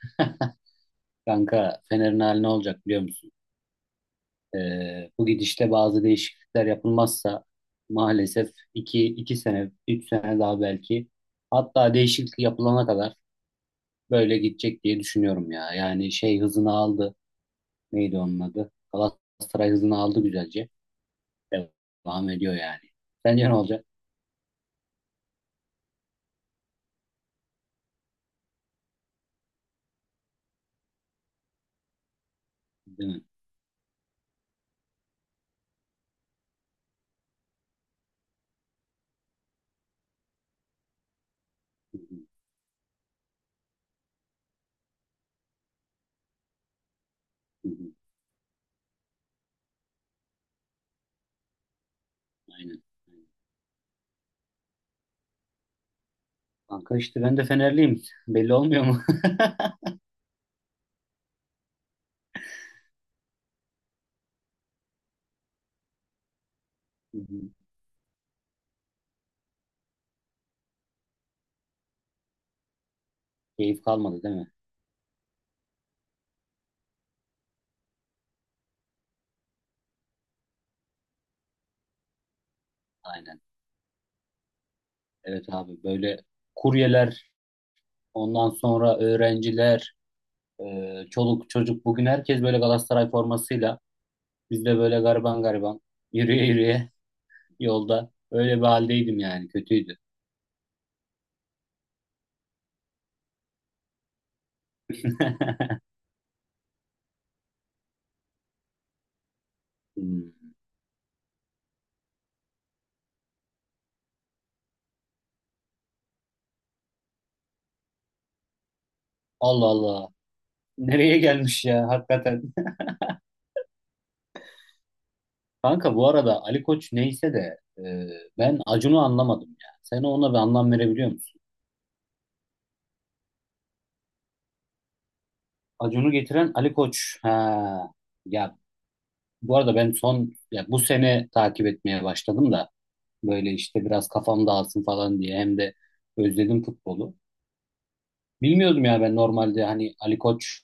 Kanka Fener'in hali ne olacak biliyor musun? Bu gidişte bazı değişiklikler yapılmazsa maalesef iki sene 3 sene daha belki hatta değişiklik yapılana kadar böyle gidecek diye düşünüyorum ya. Yani şey hızını aldı. Neydi onun adı? Galatasaray hızını aldı güzelce. Devam ediyor yani. Sence ne olacak? Değil mi? Hı hı, hı hı. Aynen. Aynen. Kanka işte ben de Fenerliyim. Belli olmuyor mu? Hı hı. Keyif kalmadı değil mi? Aynen. Evet abi böyle kuryeler, ondan sonra öğrenciler, çoluk çocuk bugün herkes böyle Galatasaray formasıyla biz de böyle gariban gariban yürüye yürüye yolda öyle bir haldeydim yani kötüydü. Hmm. Allah Allah nereye gelmiş ya hakikaten. Kanka bu arada Ali Koç neyse de ben Acun'u anlamadım ya. Sen ona bir anlam verebiliyor musun? Acun'u getiren Ali Koç. Ha. Ya bu arada ben son ya bu sene takip etmeye başladım da böyle işte biraz kafam dağılsın falan diye hem de özledim futbolu. Bilmiyordum ya ben normalde hani Ali Koç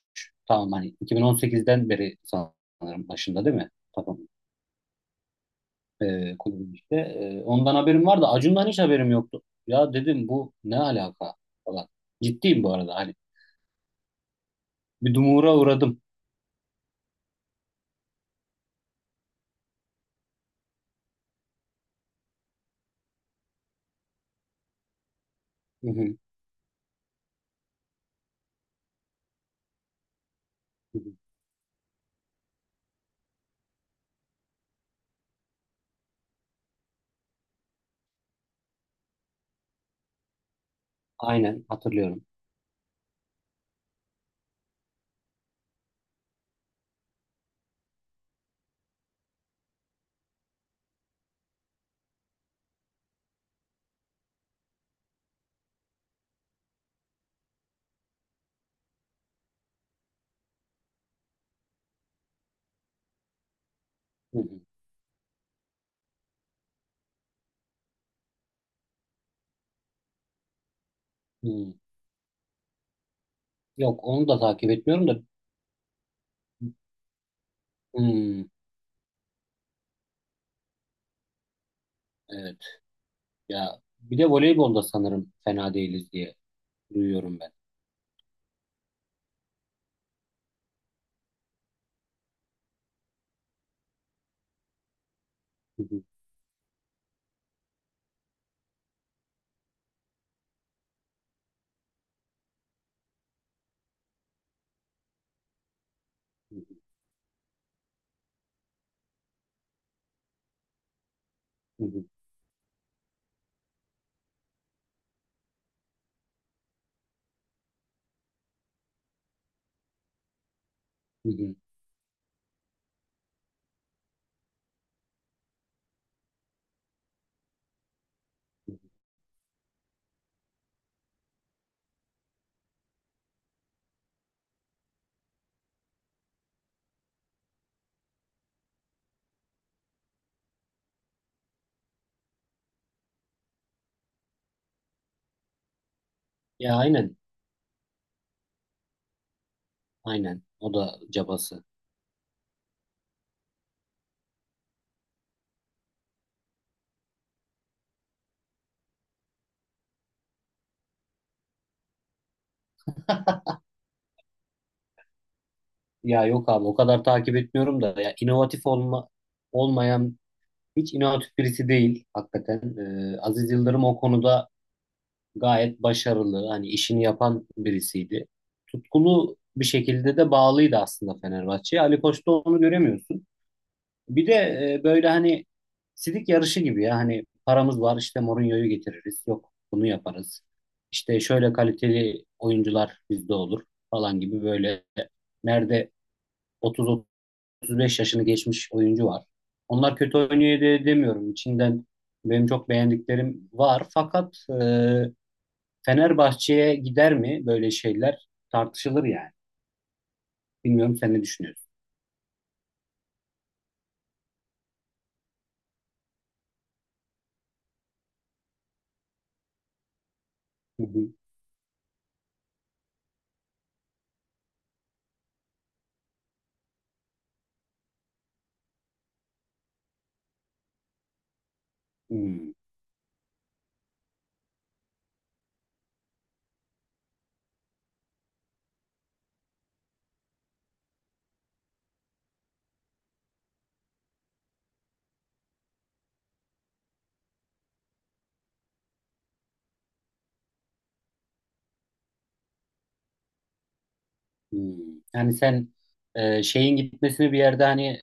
tamam hani 2018'den beri sanırım başında değil mi? Tamam. Kulübün işte. Ondan haberim vardı. Acun'dan hiç haberim yoktu. Ya dedim bu ne alaka falan. Ciddiyim bu arada hani. Bir dumura uğradım. Hı hı. Hı hı. Aynen hatırlıyorum. Hı hı. Hı. Yok onu da takip etmiyorum da hmm, evet ya bir de voleybolda sanırım fena değiliz diye duyuyorum. Hı hı, hı hı, hı hı. Ya aynen, aynen. O da cabası. Ya yok abi o kadar takip etmiyorum da ya inovatif olmayan hiç inovatif birisi değil hakikaten. Aziz Yıldırım o konuda gayet başarılı. Hani işini yapan birisiydi. Tutkulu bir şekilde de bağlıydı aslında Fenerbahçe'ye. Ali Koç'ta onu göremiyorsun. Bir de böyle hani sidik yarışı gibi ya hani paramız var işte Mourinho'yu getiririz yok bunu yaparız. İşte şöyle kaliteli oyuncular bizde olur falan gibi böyle nerede 30-35 yaşını geçmiş oyuncu var. Onlar kötü oynuyor diye demiyorum. İçinden benim çok beğendiklerim var. Fakat Fenerbahçe'ye gider mi böyle şeyler tartışılır yani. Bilmiyorum sen ne düşünüyorsun? Hı hı. Hmm. Hmm. Yani sen şeyin gitmesini bir yerde hani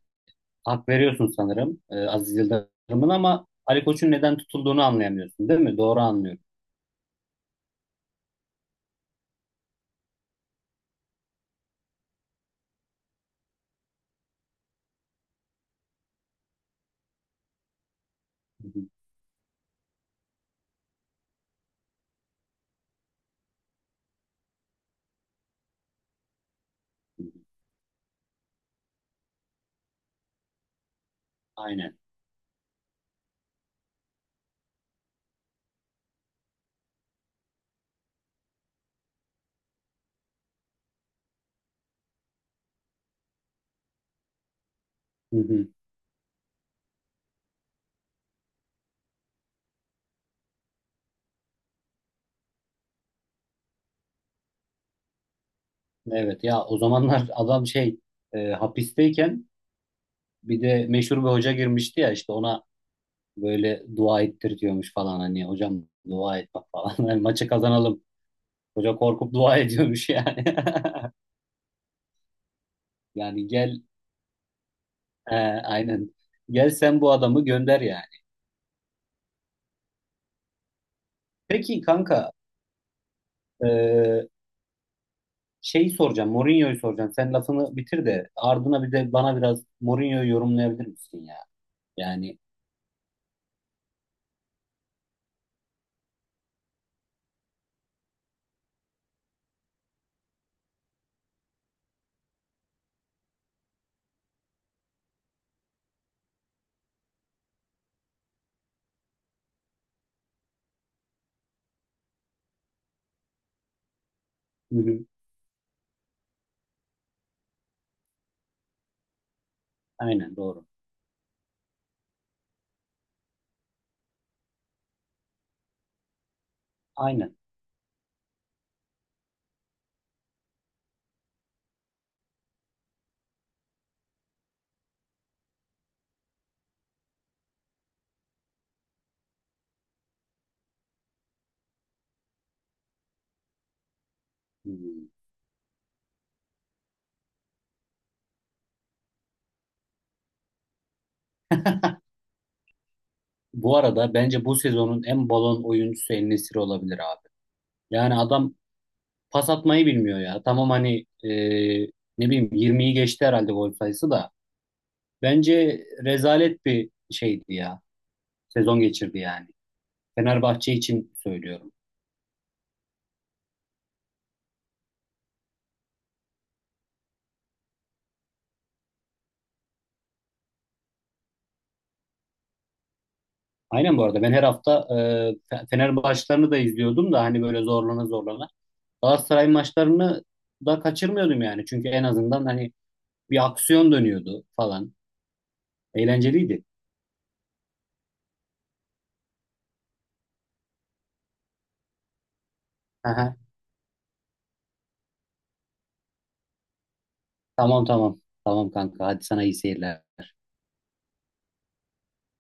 hak veriyorsun sanırım, Aziz Yıldırım'ın ama Ali Koç'un neden tutulduğunu anlayamıyorsun değil mi? Doğru anlıyorum. Hı hı. Hı hı. Aynen. Hı hı. Evet ya o zamanlar adam şey hapisteyken bir de meşhur bir hoca girmişti ya işte ona böyle dua ettiriyormuş falan hani hocam dua et bak falan hani maçı kazanalım. Hoca korkup dua ediyormuş yani. Yani gel e, aynen gel sen bu adamı gönder yani. Peki kanka, Ee, şeyi soracağım. Mourinho'yu soracağım. Sen lafını bitir de ardına bir de bana biraz Mourinho'yu yorumlayabilir misin ya? Yani hı hı, aynen doğru. Aynen. Hmm. Bu arada bence bu sezonun en balon oyuncusu en olabilir abi. Yani adam pas atmayı bilmiyor ya. Tamam hani ne bileyim 20'yi geçti herhalde gol sayısı da. Bence rezalet bir şeydi ya. Sezon geçirdi yani. Fenerbahçe için söylüyorum. Aynen bu arada ben her hafta, Fe- Fener maçlarını da izliyordum da hani böyle zorlana zorlana. Galatasaray maçlarını da kaçırmıyordum yani. Çünkü en azından hani bir aksiyon dönüyordu falan. Eğlenceliydi. Aha, tamam tamam. Tamam kanka hadi sana iyi seyirler.